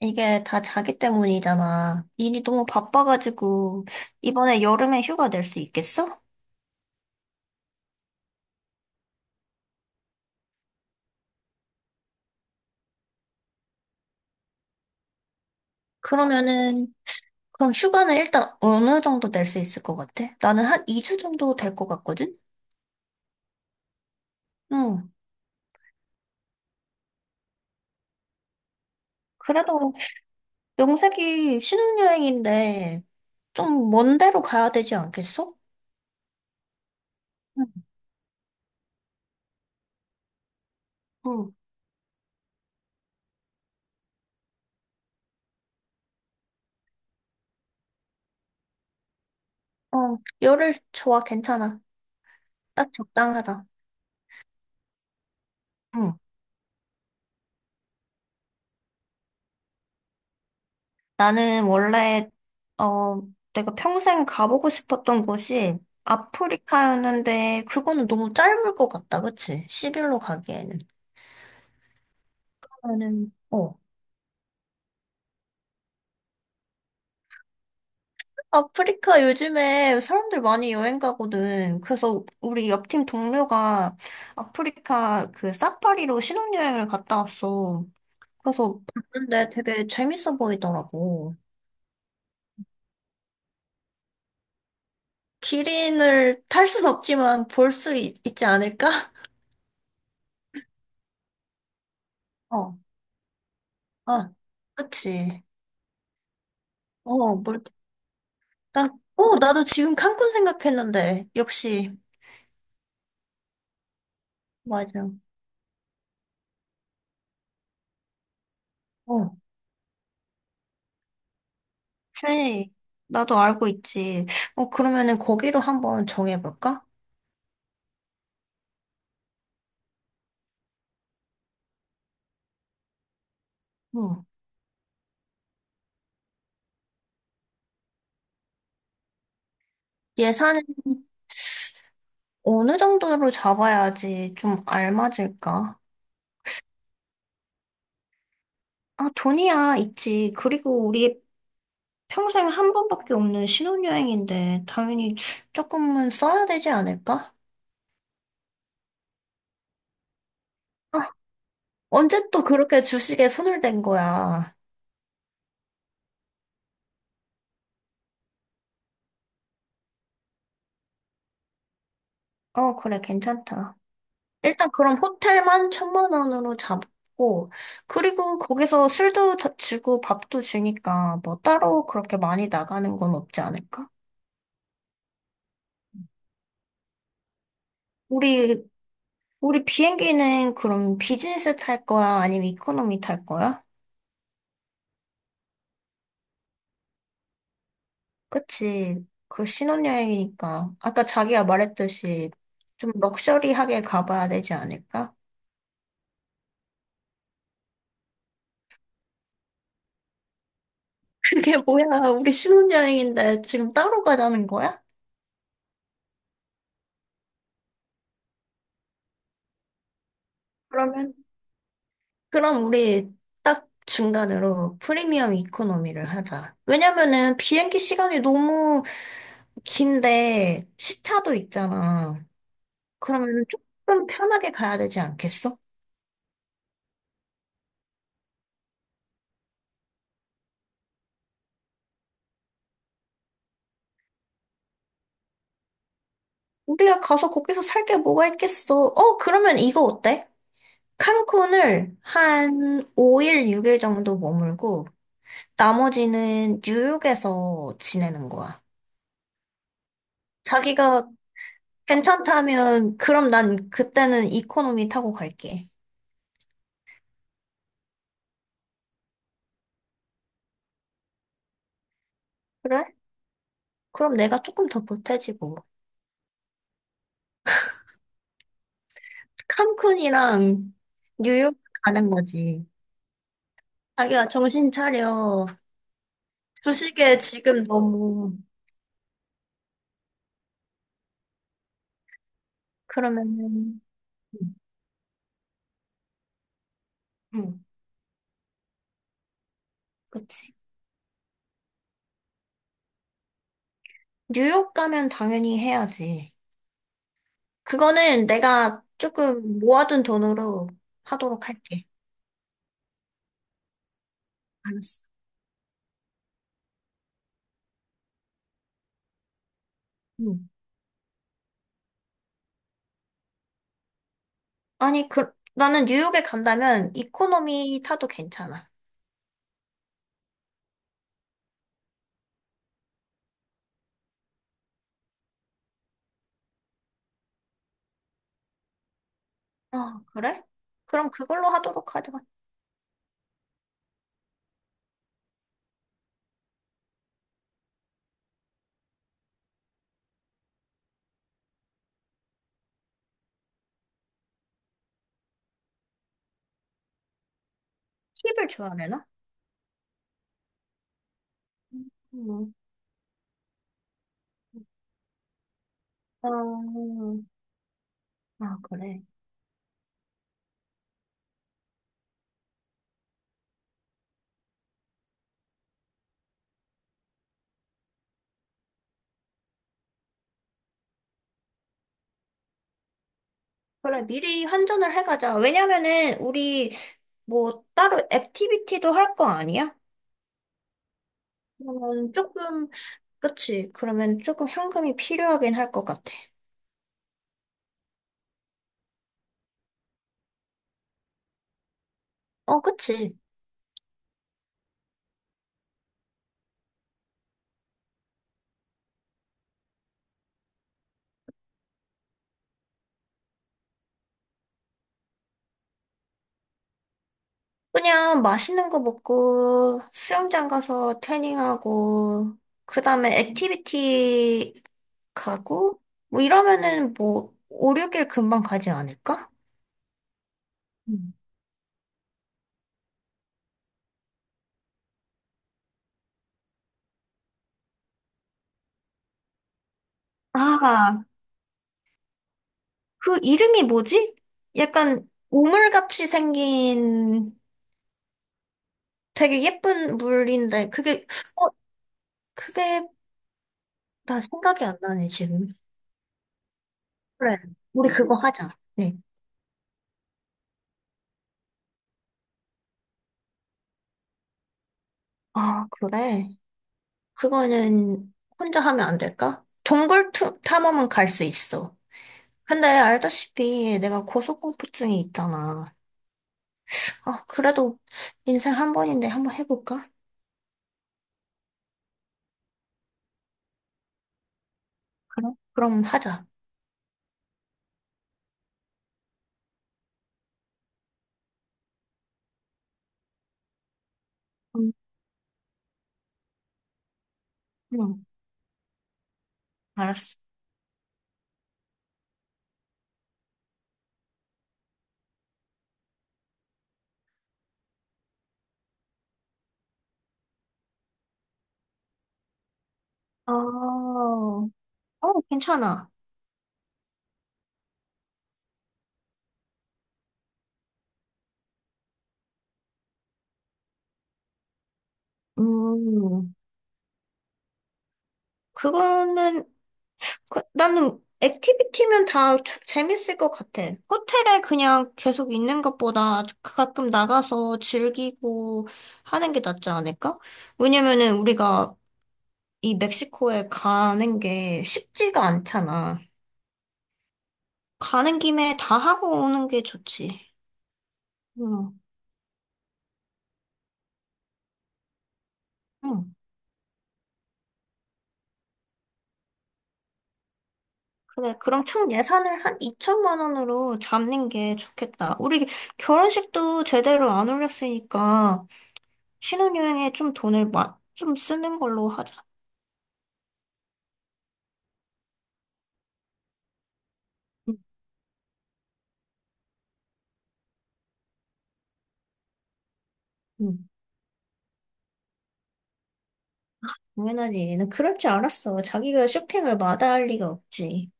이게 다 자기 때문이잖아. 일이 너무 바빠가지고, 이번에 여름에 휴가 낼 수 있겠어? 그러면은, 그럼 휴가는 일단 어느 정도 낼 수 있을 것 같아? 나는 한 2주 정도 될 것 같거든? 응. 그래도 명색이 신혼여행인데, 좀 먼 데로 가야 되지 않겠어? 응. 응. 어, 열흘 좋아, 괜찮아. 딱 적당하다. 응. 나는 원래, 어, 내가 평생 가보고 싶었던 곳이 아프리카였는데, 그거는 너무 짧을 것 같다, 그치? 10일로 가기에는. 나는, 어. 아프리카 요즘에 사람들 많이 여행 가거든. 그래서 우리 옆 팀 동료가 아프리카 그 사파리로 신혼여행을 갔다 왔어. 그래서 봤는데 되게 재밌어 보이더라고. 기린을 탈 순 없지만 볼 수 있지 않을까? 어, 아, 그치. 어, 뭘, 난, 어, 나도 지금 칸쿤 생각했는데. 역시, 맞아. 어, 그래. 나도 알고 있지. 어, 그러면은 거기로 한번 정해볼까? 응. 예산 어느 정도로 잡아야지 좀 알맞을까? 아, 돈이야, 있지. 그리고 우리 평생 한 번밖에 없는 신혼여행인데, 당연히 조금은 써야 되지 않을까? 언제 또 그렇게 주식에 손을 댄 거야? 어, 그래, 괜찮다. 일단 그럼 호텔만 천만 원으로 잡고, 그리고 거기서 술도 다 주고 밥도 주니까 뭐 따로 그렇게 많이 나가는 건 없지 않을까? 우리, 우리 비행기는 그럼 비즈니스 탈 거야? 아니면 이코노미 탈 거야? 그치. 그 신혼여행이니까. 아까 자기가 말했듯이 좀 럭셔리하게 가봐야 되지 않을까? 그게 뭐야. 우리 신혼여행인데 지금 따로 가자는 거야? 그러면 그럼 우리 딱 중간으로 프리미엄 이코노미를 하자. 왜냐면은 비행기 시간이 너무 긴데 시차도 있잖아. 그러면은 조금 편하게 가야 되지 않겠어? 우리가 가서 거기서 살게 뭐가 있겠어? 어, 그러면 이거 어때? 칸쿤을 한 5일, 6일 정도 머물고 나머지는 뉴욕에서 지내는 거야. 자기가 괜찮다면 그럼 난 그때는 이코노미 타고 갈게. 그래? 그럼 내가 조금 더 보태지고. 칸쿤이랑 뉴욕 가는 거지. 자기야, 정신 차려. 주식에 지금 너무, 그러면은, 응, 응, 그치. 뉴욕 가면 당연히 해야지. 그거는 내가 조금 모아둔 돈으로 하도록 할게. 알았어. 응. 아니, 그, 나는 뉴욕에 간다면 이코노미 타도 괜찮아. 아, 그래? 그럼 그걸로 하도록 하자. 팁을 줘야 되나? 음. 어, 아, 그래. 그래, 미리 환전을 해가자. 왜냐면은, 우리, 뭐, 따로 액티비티도 할 거 아니야? 그러면 조금, 그치. 그러면 조금 현금이 필요하긴 할 것 같아. 어, 그치. 그냥 맛있는 거 먹고, 수영장 가서 태닝하고, 그 다음에 액티비티 가고, 뭐 이러면은 뭐, 5, 6일 금방 가지 않을까? 음. 아, 그 이름이 뭐지? 약간 오물같이 생긴 되게 예쁜 물인데 그게 어 그게 나 생각이 안 나네 지금. 그래. 우리 그거 하자. 네. 아, 그래. 그거는 혼자 하면 안 될까? 동굴 탐험은 갈 수 있어. 근데 알다시피 내가 고소공포증이 있잖아. 아, 그래도 인생 한 번인데 한번 해볼까? 그래? 그럼 하자. 응, 응, 알았어. 아, 어, 괜찮아. 음, 그거는, 그, 나는 액티비티면 다 재밌을 것 같아. 호텔에 그냥 계속 있는 것보다 그 가끔 나가서 즐기고 하는 게 낫지 않을까? 왜냐면은 우리가 이 멕시코에 가는 게 쉽지가 않잖아. 가는 김에 다 하고 오는 게 좋지. 응, 응. 그래, 그럼 총 예산을 한 2천만 원으로 잡는 게 좋겠다. 우리 결혼식도 제대로 안 올렸으니까. 신혼여행에 좀 돈을 좀 쓰는 걸로 하자. 응, 응. 당연하지. 난 그럴 줄 알았어. 자기가 쇼핑을 마다할 리가 없지.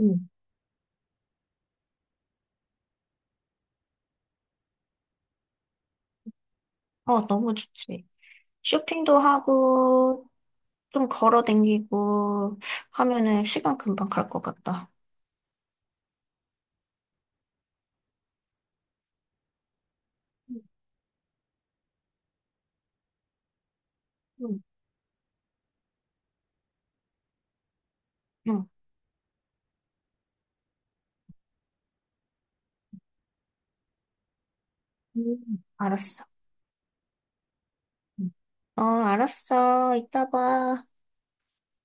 응, 어, 너무 좋지. 쇼핑도 하고, 좀 걸어 댕기고 하면은 시간 금방 갈 것 같다. 응, 응. 응, 응. 알았어. 응. 어, 알았어. 이따 봐.